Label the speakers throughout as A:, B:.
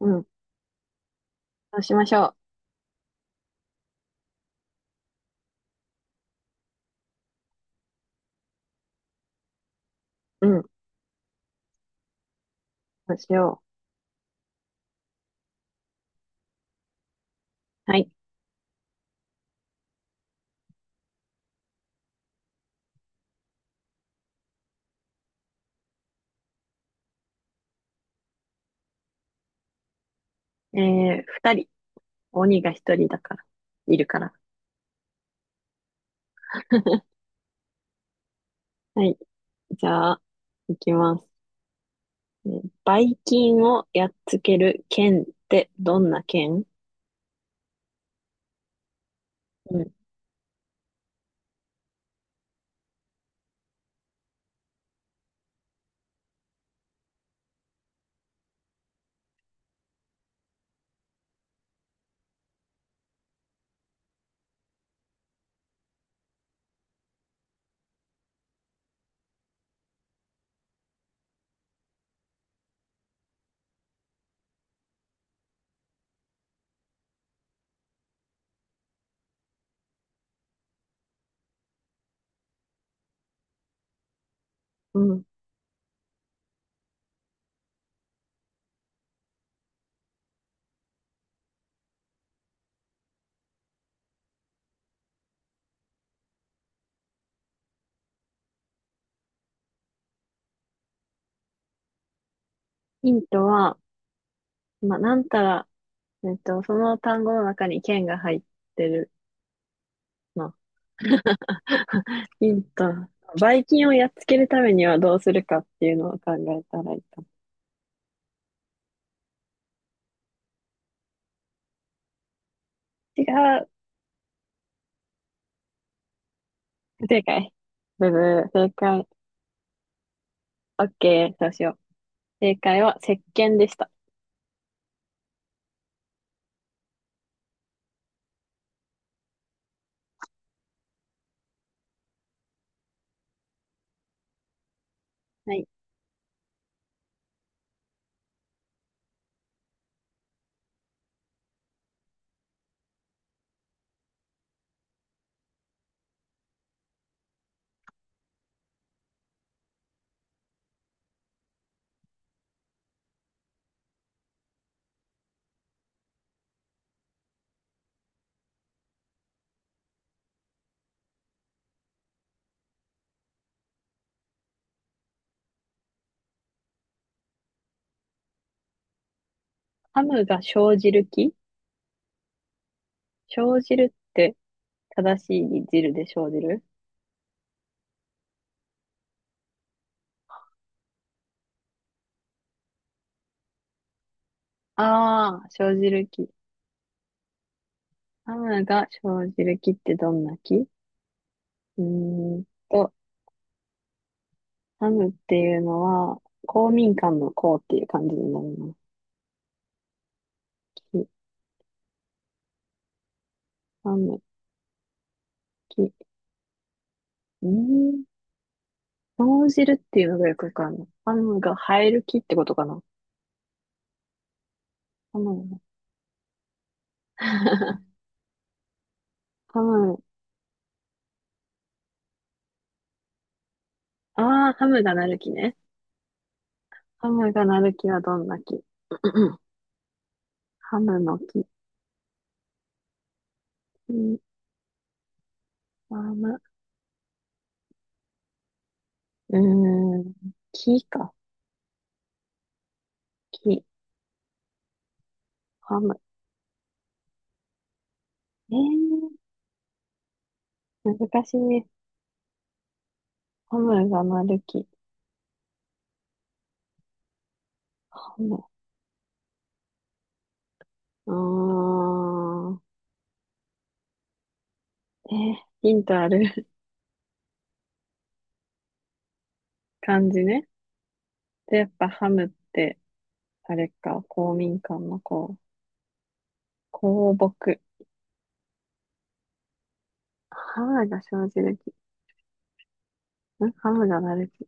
A: うん。そうしましょう。うん。そうしよう。はい。二人。鬼が一人だから。いるから。はい。じゃあ、いきます。ばい菌をやっつける剣ってどんな剣？うん。うん。ヒントは、まあ、なんたら、その単語の中に剣が入ってるな。ヒント。ばい菌をやっつけるためにはどうするかっていうのを考えたらいいかも。違う。不正解。ブブー。正解。オッケー。そうしよう。正解は石鹸でした。はい。ハムが生じる木？生じるって？正しいに汁で生じる？ああー、生じる木。ハムが生じる木ってどんな木？ーんと、ハムっていうのは、公民館の公っていう感じになるの。木、ハム、木。うーん、生じるっていうのがよくわかんない。ハムが生える木ってことかな？ハムが。ハム、ああ、ハムがなる木ね。ハムがなる木はどんな木？ ハムの木、木、ハム。うーん、木か。木、ハム。えー、難しいね。ハムがなる木、ハム。あー、えー、ヒントある？ 感じね。で、やっぱハムって、あれか、公民館の公、公木。ハムが生じる木。ハムがなる木。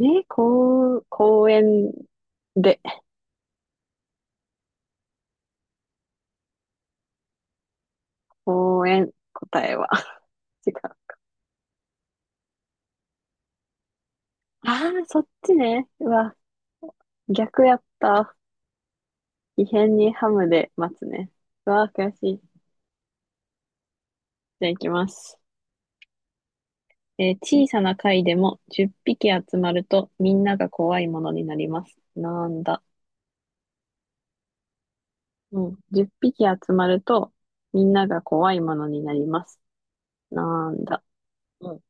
A: 公園で、公園、答えは。違う。ああ、そっちね。うわ、逆やった。異変にハムで待つね。うわあ、悔しい。じゃあ行きます。小さな貝でも10匹集まるとみんなが怖いものになります。なんだ？うん。10匹集まるとみんなが怖いものになります。なんだ？うん。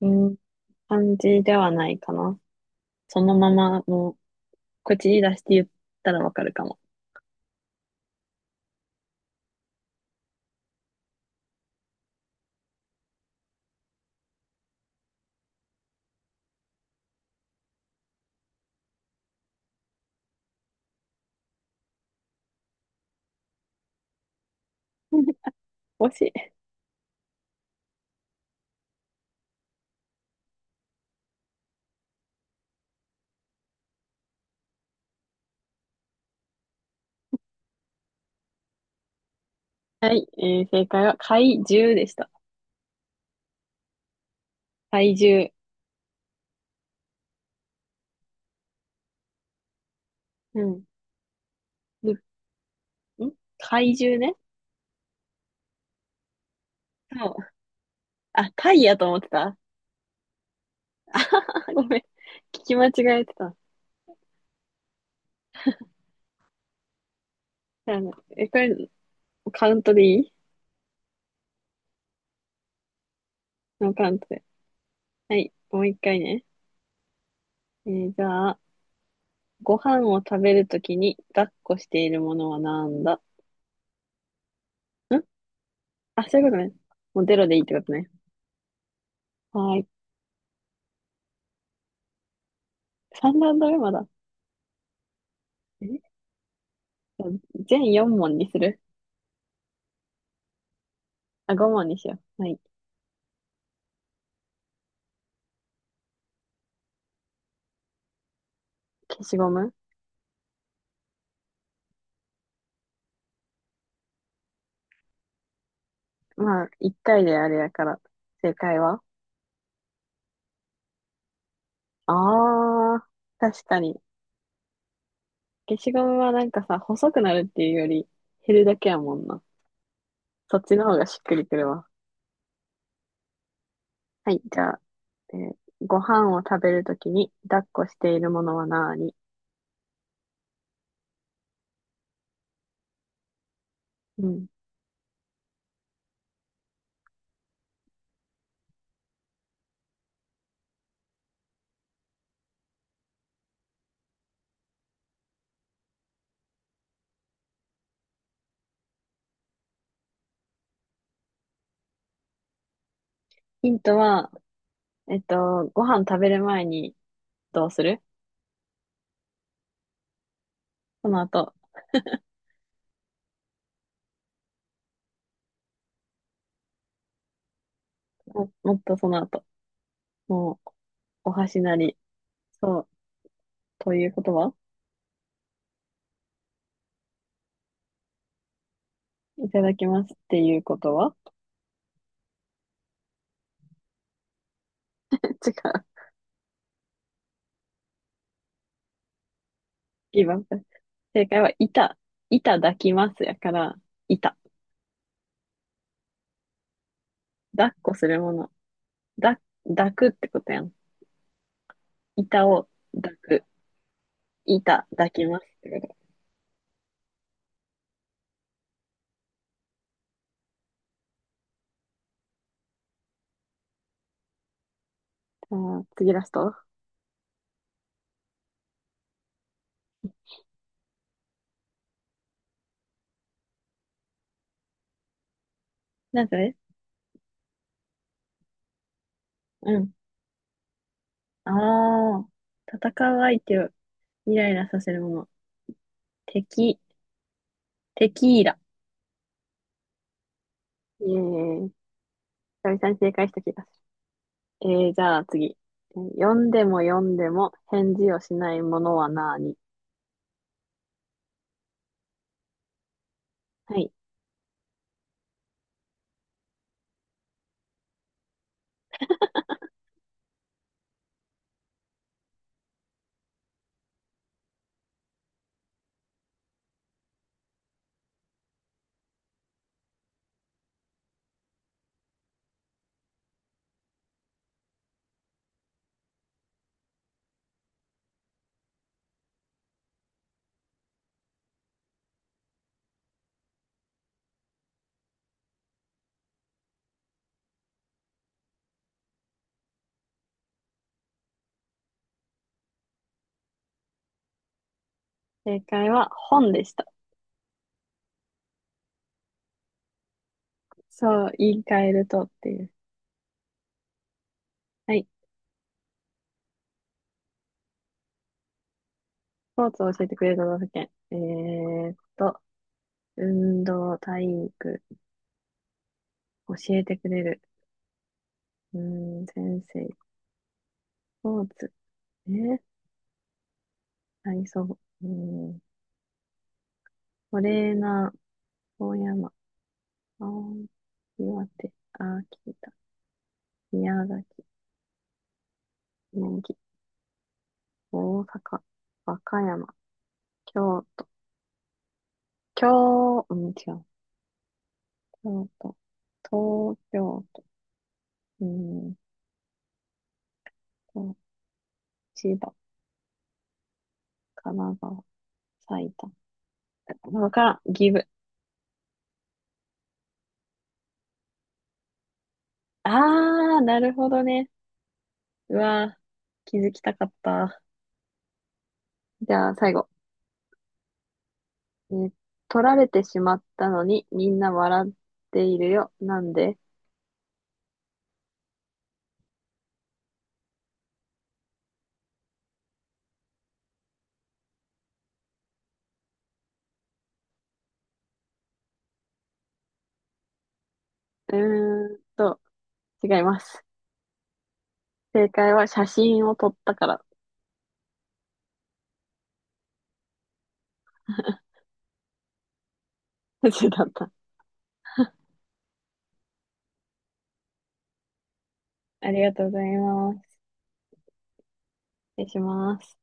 A: うん。漢字ではないかな。そのままもう口に出して言ったらわかるかも。惜しい。はい。正解は怪獣でした。怪獣。うん。で怪獣ね。そう。あ、貝やと思ってた。ごめん。聞き間違えてた。じゃあね、これ、カウントでいい？ノーカウントで。はい、もう一回ね。じゃあ、ご飯を食べるときに抱っこしているものはなんだ？んあ、そういうことね。もうゼロでいいってことね。はーい。3ランド目まだ。じゃあ全4問にする？あ、5問にしよう。はい。消しゴム。まあ、1回であれやから。正解は？あー、確かに。消しゴムはなんかさ、細くなるっていうより減るだけやもんな。そっちの方がしっくりくるわ。はい、じゃあ、えーご飯を食べるときに抱っこしているものは何？うん。ヒントは、ご飯食べる前にどうする？その後、もっとその後、もう、お箸なり、そう、ということはいただきますっていうことは。 違う。今、正解は、板。板抱きますやから、板。抱っこするもの。だ、抱くってことやん。板を抱く。板抱きますってこと。あー、次ラスト。なんかね、うん。ああ、戦う相手をイライラさせるもの。敵、テキーラ。え、エーさ久々に正解した気がする。じゃあ次。読んでも読んでも返事をしないものは何？はい。正解は本でした。そう、言い換えるとっていう。はい。スポーツを教えてくれる都道府県。運動、体育、教えてくれる。先生、スポーツ。えー体操、うん、トレーナー、遠山、青森、岩手、秋田、宮崎、宮城、大阪、和歌山、京、京、うん、違う、京都、東京都、うん、と千葉、神奈川、埼玉、わからん、岐阜。あー、なるほどね。うわー、気づきたかった。じゃあ、最後。えー取られてしまったのにみんな笑っているよ。なんで？うーんと、違います。正解は写真を撮ったから。だった。ありがとうございます。失礼します。